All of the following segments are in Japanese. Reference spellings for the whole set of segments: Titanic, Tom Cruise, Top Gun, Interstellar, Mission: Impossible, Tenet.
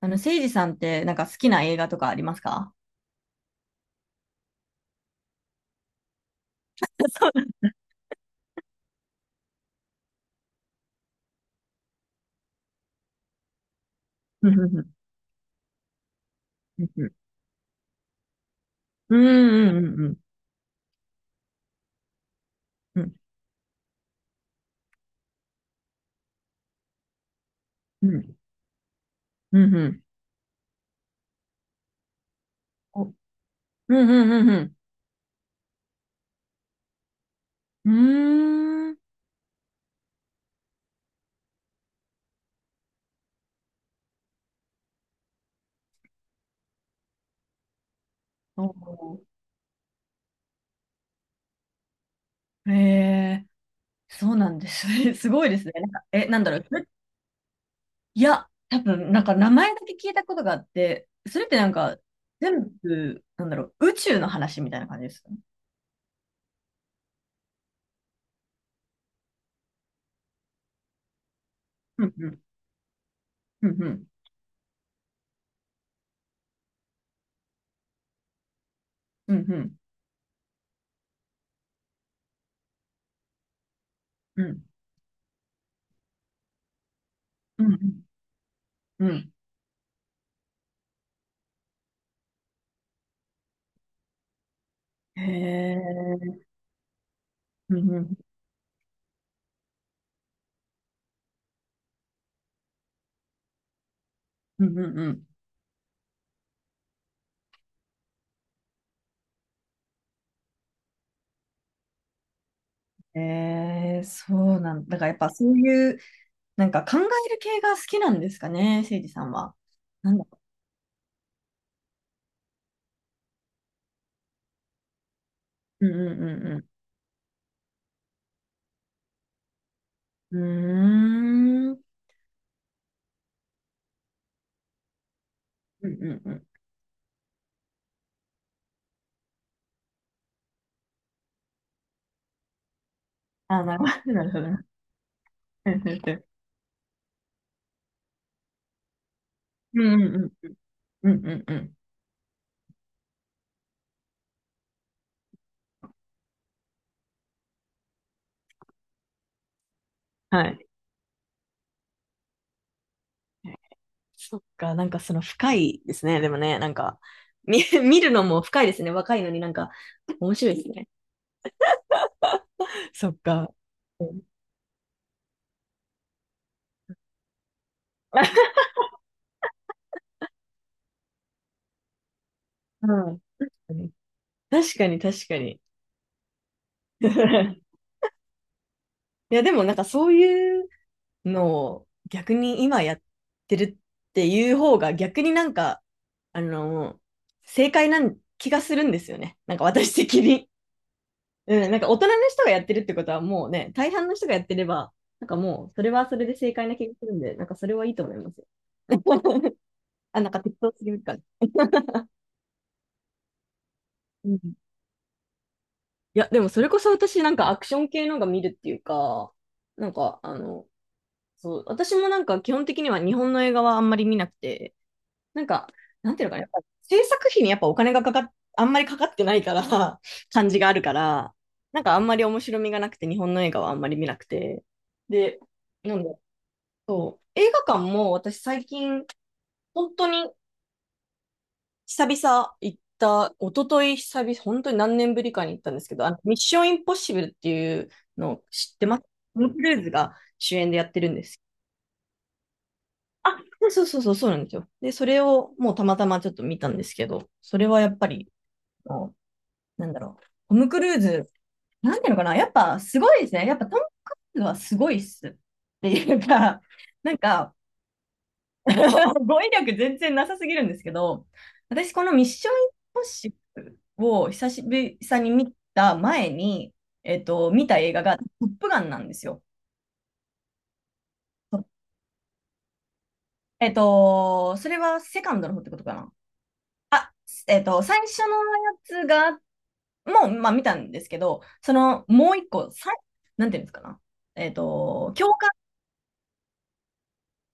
せいじさんってなんか好きな映画とかありますか？ そう。うんうんうんうんうんうんうんうんうん。おう。んうんうんうん。うーん。おー。へえ。そうなんです。 すごいですね。なんかなんだろうそれ。いや、多分なんか名前だけ聞いたことがあって、それってなんか全部、なんだろう、宇宙の話みたいな感じですか？うんうんうんうんうんうんうんうんうんうん。へえ。うんうんうんうんうん。えー、そうなんだ。だからやっぱそういう、なんか考える系が好きなんですかね、誠治さんは。なんだろう。うんうんうんうん。うーん。うんうんうん。あ、なるほど、なるほど。うんうんうん。うんうんうん。はい。そっか、なんかその深いですね。でもね、なんか、見るのも深いですね。若いのになんか、面白いですね。そっか。うん。 うん。確かに、確かに。確かに。 いや、でもなんかそういうのを逆に今やってるっていう方が逆になんか、あの、正解な気がするんですよね。なんか私的に。うん、なんか大人の人がやってるってことはもうね、大半の人がやってれば、なんかもうそれはそれで正解な気がするんで、なんかそれはいいと思いますよ。あ、なんか適当すぎるから。うん。いや、でもそれこそ私なんかアクション系のが見るっていうか、なんかあの、そう、私もなんか基本的には日本の映画はあんまり見なくて、なんか、なんていうのかな、やっぱ制作費にやっぱお金がかかっ、あんまりかかってないから、 感じがあるから、なんかあんまり面白みがなくて、日本の映画はあんまり見なくて。で、なんだ。そう、映画館も私最近、本当に久々行った、一昨日久々、本当に何年ぶりかに行ったんですけど、あの、ミッションインポッシブルっていうのを知ってます？トム・クルーズが主演でやってるんです。あ、そうそうそう、そうなんですよ。で、それをもうたまたまちょっと見たんですけど、それはやっぱり、なんだろう、トム・クルーズ、なんていうのかな、やっぱすごいですね。やっぱトム・クルーズはすごいっす。っていうか、なんか、語彙力全然なさすぎるんですけど、私このミッション・インポッシブルを久しぶりに見た前に、見た映画がトップガンなんですよ。それはセカンドの方ってことかな。あ、最初のやつが、もう、まあ見たんですけど、その、もう一個、なんていうんですかな。教科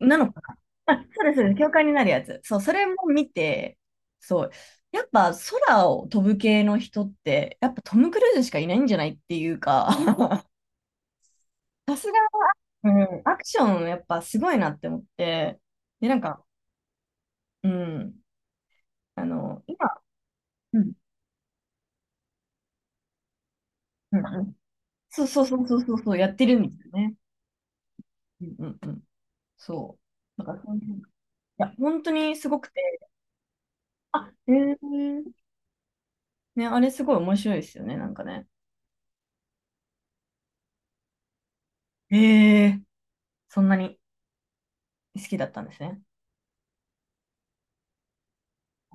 なのかな。あ、そうです、そうです。教官になるやつ。そう、それも見て、そう。やっぱ空を飛ぶ系の人って、やっぱトム・クルーズしかいないんじゃないっていうか、さすが、うん、アクションやっぱすごいなって思って、で、なんか、うん、あの、今、うん、うん、うん。そうそうそうそうそう、そうやってるんですよね。うん、うん、うん。そう。なんかそういう、いや、本当にすごくて、あ、えー、ね、あれすごい面白いですよね、なんかね。えー、そんなに。好きだったんですね。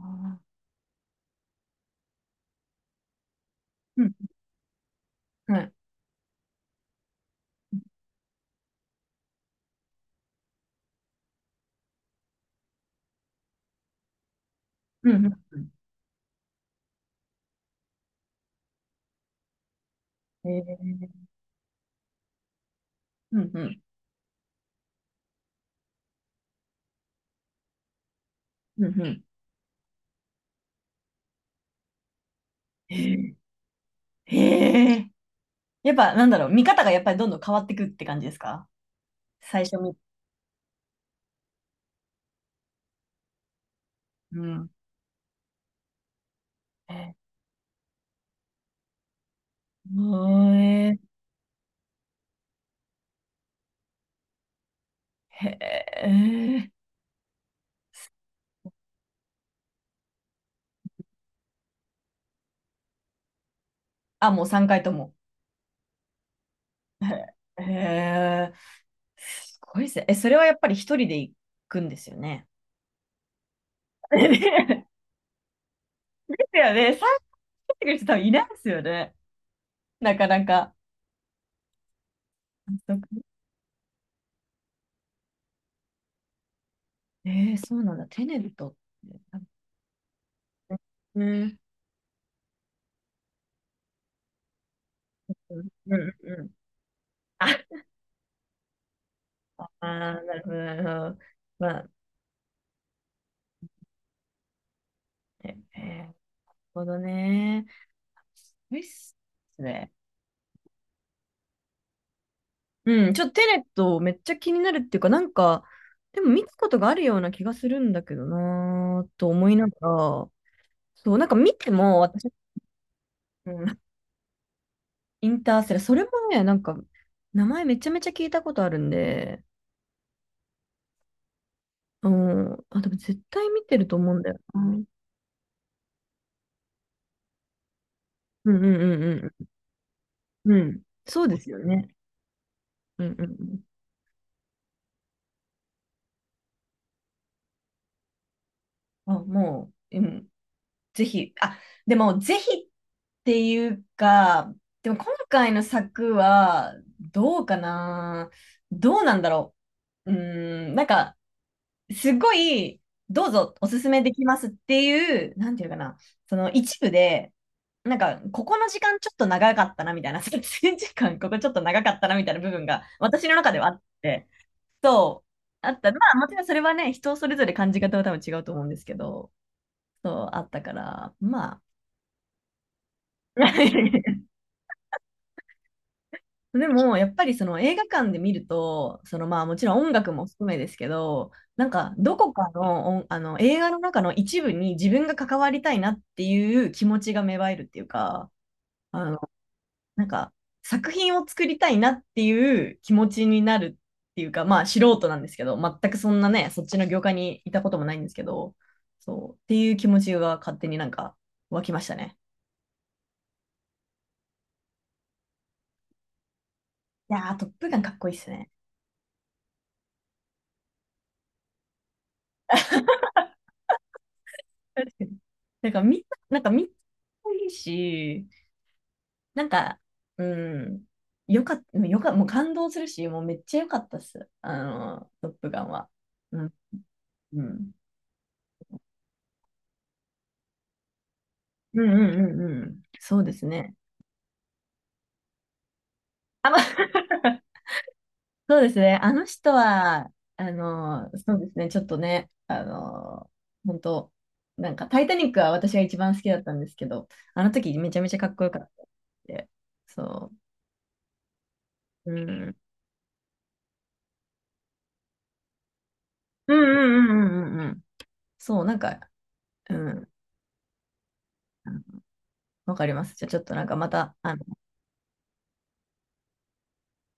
ああ。うん、はい。うん、うん。へえ、うん、うん、うん、うん。へえ、へえ。やっぱ、なんだろう、見方がやっぱりどんどん変わってくって感じですか？最初見、うん。へえ、へえ。あ、もう3回とも。へえ、へえ。すごいですね。え、それはやっぱり一人で行くんですよね。ですよね。参加してくる人多分いないですよね。なかなか。あ、そっか。えー、そうなんだ。テネットって。ね。うんうんうん。あ、あー、なるほど、なるほど。まあ、ええー、なるほどね。すごいっすね。うん、ちょっとテネットめっちゃ気になるっていうか、なんか、でも見たことがあるような気がするんだけどなーと思いながら、そう、なんか見ても私、うん、インターセラ、ーそれもね、なんか、名前めちゃめちゃ聞いたことあるんで、うん、あ、でも絶対見てると思うんだよな。うんうんうんうん。うん、そうですよね。うんうんうん。あ、もう、うん、ぜひ、あ、でも、ぜひっていうか、でも今回の作は、どうかな。どうなんだろう。うーん、なんか、すごい、どうぞおすすめできますっていう、なんていうかな、その一部で、なんか、ここの時間ちょっと長かったな、みたいな、撮影時間、ここちょっと長かったな、みたいな部分が、私の中ではあって、そう、あった。まあ、もちろんそれはね、人それぞれ感じ方は多分違うと思うんですけど、そうあったから、まあ。でも、やっぱりその映画館で見ると、そのまあもちろん音楽も含めですけど、なんかどこかの音あの映画の中の一部に自分が関わりたいなっていう気持ちが芽生えるっていうか、あの、なんか作品を作りたいなっていう気持ちになるっていうか、まあ素人なんですけど、全くそんなね、そっちの業界にいたこともないんですけど、そう、っていう気持ちが勝手になんか湧きましたね。いやー、トップガンかっこいいっすね。確かに。なんかみんな、なんかみんないいし、なんか、うん、よかった、もう感動するし、もうめっちゃ良かったっす。あの、トップガンは。うん、うん。うんうんうんうん。そうですね。あ、ま、そうですね。あの人は、あの、そうですね。ちょっとね、あの、本当、なんか、タイタニックは私が一番好きだったんですけど、あの時めちゃめちゃかっこよかったって。そう。うん。うんうんうんうんうんうん。そう、なんか、うん、わかります。じゃあちょっとなんかまた、あの、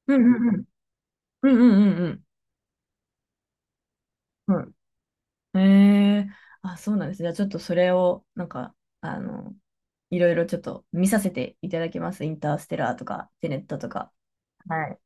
うんうんうん、うんうんうんうん、うん。えー、あ、そうなんです。じゃあちょっとそれを、なんか、あの、いろいろちょっと見させていただきます。インターステラーとか、テネットとか。はい。